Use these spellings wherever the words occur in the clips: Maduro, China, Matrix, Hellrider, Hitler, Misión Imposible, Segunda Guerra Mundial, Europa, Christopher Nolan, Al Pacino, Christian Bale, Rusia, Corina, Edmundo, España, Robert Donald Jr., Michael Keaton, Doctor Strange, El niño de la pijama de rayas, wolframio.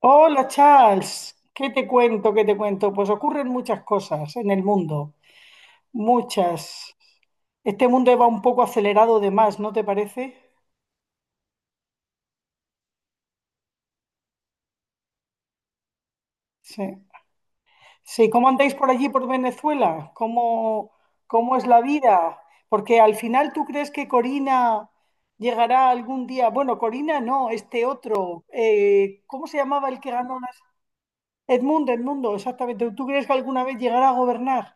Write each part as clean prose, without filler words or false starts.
Hola Charles, ¿qué te cuento? ¿Qué te cuento? Pues ocurren muchas cosas en el mundo, muchas. Este mundo va un poco acelerado de más, ¿no te parece? Sí. Sí, ¿cómo andáis por allí, por Venezuela? ¿Cómo es la vida? Porque al final tú crees que Corina llegará algún día. Bueno, Corina no, este otro, ¿cómo se llamaba el que ganó las...? Edmundo, Edmundo, exactamente. ¿Tú crees que alguna vez llegará a gobernar?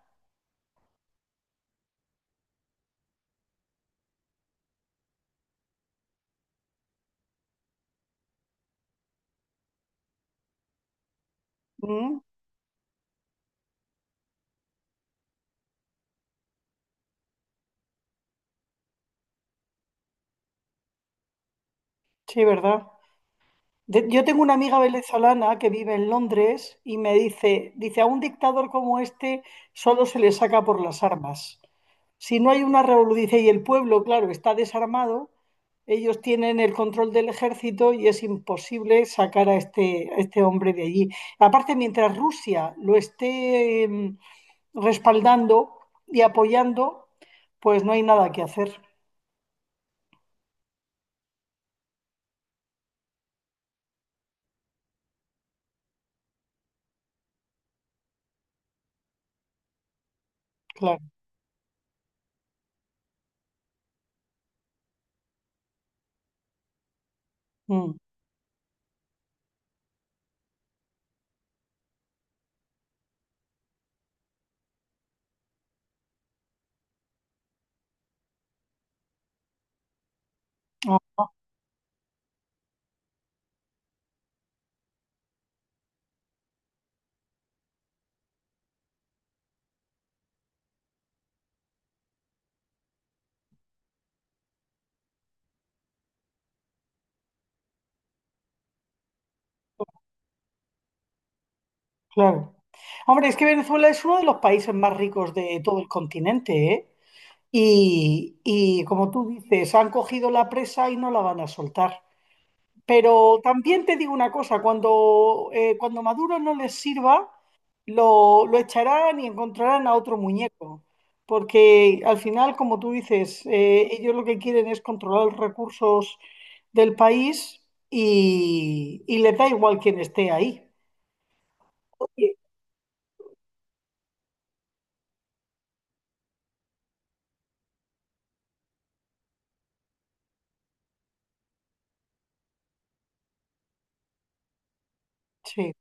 ¿Mm? Sí, ¿verdad? Yo tengo una amiga venezolana que vive en Londres y me dice, a un dictador como este solo se le saca por las armas. Si no hay una revolución, dice, y el pueblo, claro, está desarmado, ellos tienen el control del ejército y es imposible sacar a este hombre de allí. Aparte, mientras Rusia lo esté respaldando y apoyando, pues no hay nada que hacer. Claro. Mm. Ah, claro. Hombre, es que Venezuela es uno de los países más ricos de todo el continente, ¿eh? Y como tú dices, han cogido la presa y no la van a soltar. Pero también te digo una cosa, cuando Maduro no les sirva, lo echarán y encontrarán a otro muñeco. Porque al final, como tú dices, ellos lo que quieren es controlar los recursos del país y les da igual quién esté ahí. Sí.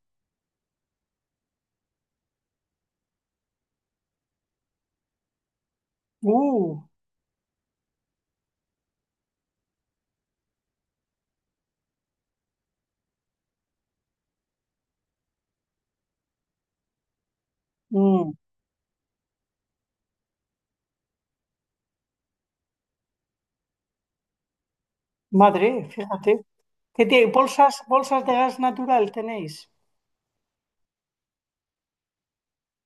Uh, mm. Madre, fíjate. ¿Qué tiene? ¿Bolsas, bolsas de gas natural tenéis?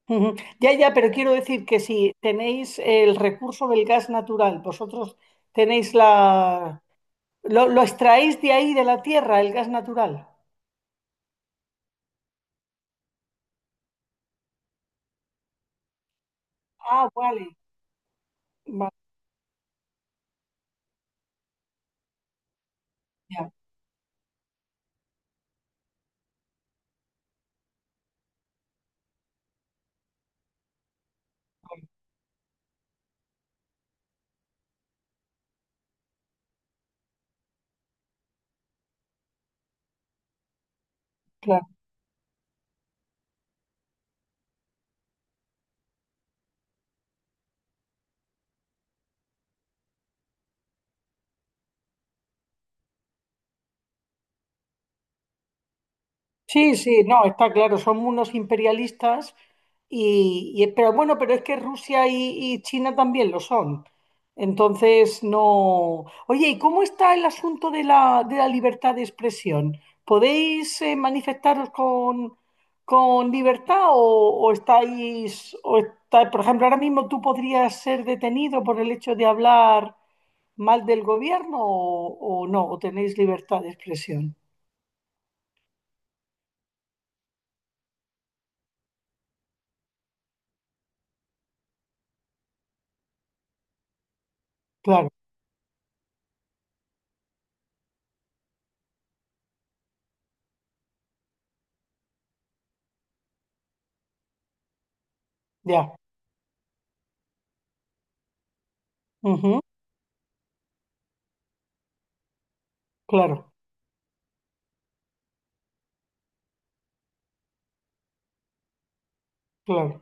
Ujú. Ya, ya, pero quiero decir que si tenéis el recurso del gas natural, vosotros tenéis la... ¿Lo extraéis de ahí, de la tierra, el gas natural? Ah, vale. Vale, ya, vale, claro. Sí, sí, no, está claro, son unos imperialistas pero bueno, pero es que Rusia y China también lo son. Entonces, no. Oye, ¿y cómo está el asunto de la libertad de expresión? ¿Podéis manifestaros con libertad o estáis, por ejemplo, ahora mismo tú podrías ser detenido por el hecho de hablar mal del gobierno o no, o tenéis libertad de expresión? Claro, ya. Ujú. Claro, claro,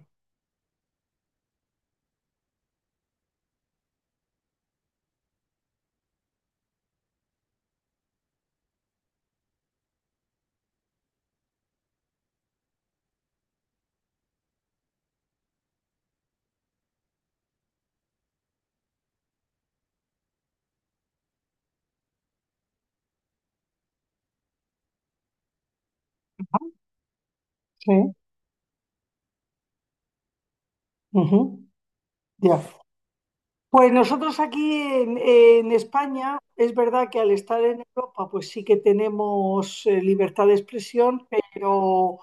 sí, ujú, ya. Pues nosotros aquí en España, es verdad que al estar en Europa, pues sí que tenemos libertad de expresión, pero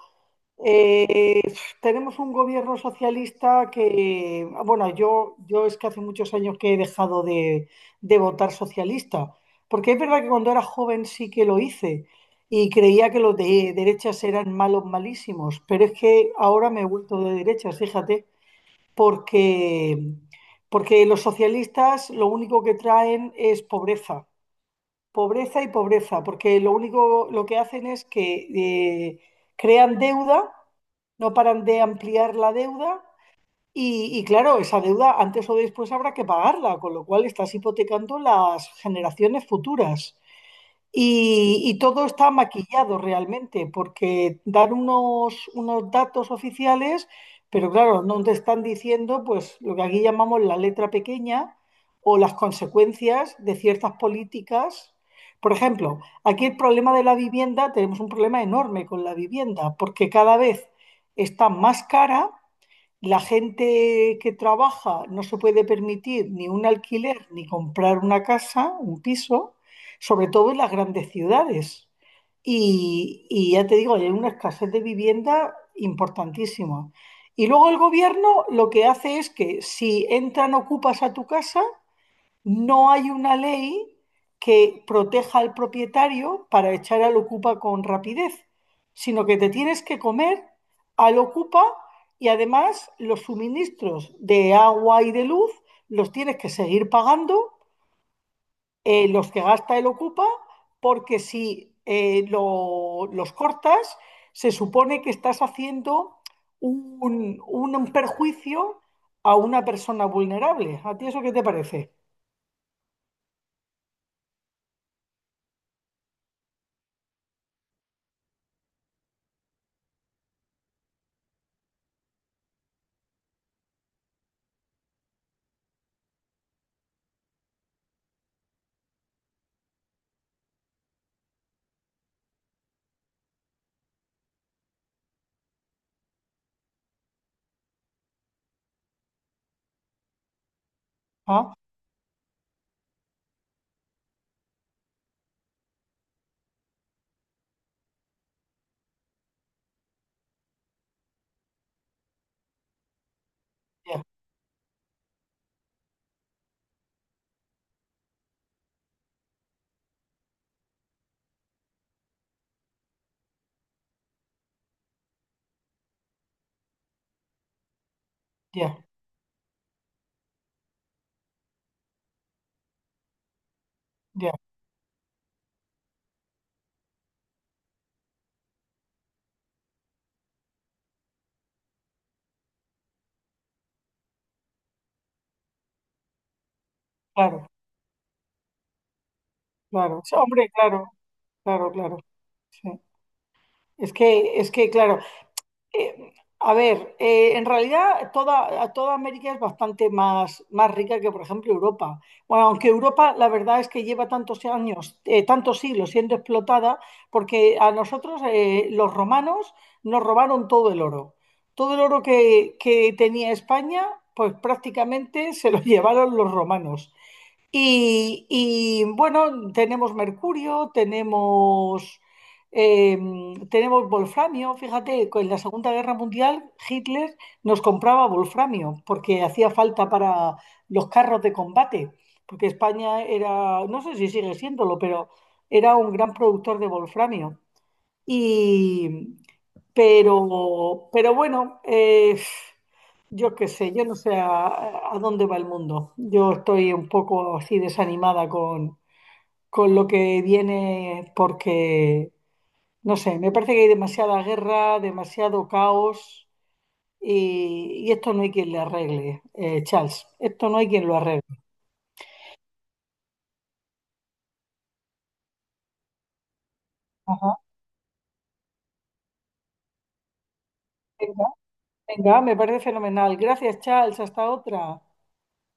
eh, tenemos un gobierno socialista que, bueno, yo es que hace muchos años que he dejado de votar socialista, porque es verdad que cuando era joven sí que lo hice y creía que los de derechas eran malos, malísimos, pero es que ahora me he vuelto de derechas, fíjate porque, porque los socialistas lo único que traen es pobreza, pobreza y pobreza, porque lo único lo que hacen es que crean deuda, no paran de ampliar la deuda y claro, esa deuda antes o después habrá que pagarla, con lo cual estás hipotecando las generaciones futuras. Y todo está maquillado realmente, porque dan unos datos oficiales, pero claro, no te están diciendo pues lo que aquí llamamos la letra pequeña o las consecuencias de ciertas políticas. Por ejemplo, aquí el problema de la vivienda, tenemos un problema enorme con la vivienda, porque cada vez está más cara, la gente que trabaja no se puede permitir ni un alquiler ni comprar una casa, un piso, sobre todo en las grandes ciudades. Y ya te digo, hay una escasez de vivienda importantísima. Y luego el gobierno lo que hace es que si entran ocupas a tu casa, no hay una ley que proteja al propietario para echar al ocupa con rapidez, sino que te tienes que comer al ocupa, y además los suministros de agua y de luz los tienes que seguir pagando, los que gasta el ocupa, porque si los cortas, se supone que estás haciendo un perjuicio a una persona vulnerable. ¿A ti eso qué te parece? ¿Ah? Ya, ya, claro, claro. Sí, hombre, claro, claro, claro. Sí. Es que, claro, eh, a ver, en realidad a toda América es bastante más, más rica que, por ejemplo, Europa. Bueno, aunque Europa, la verdad es que lleva tantos años, tantos siglos siendo explotada, porque a nosotros, los romanos nos robaron todo el oro. Todo el oro que tenía España, pues prácticamente se lo llevaron los romanos. Bueno, tenemos mercurio, eh, tenemos wolframio. Fíjate, en la Segunda Guerra Mundial Hitler nos compraba wolframio porque hacía falta para los carros de combate, porque España era, no sé si sigue siéndolo, pero era un gran productor de wolframio. Y, pero bueno, yo qué sé, yo no sé a dónde va el mundo. Yo estoy un poco así desanimada con lo que viene, porque, no sé, me parece que hay demasiada guerra, demasiado caos y esto no hay quien le arregle, Charles. Esto no hay quien lo arregle. Venga, venga, me parece fenomenal. Gracias, Charles. Hasta otra.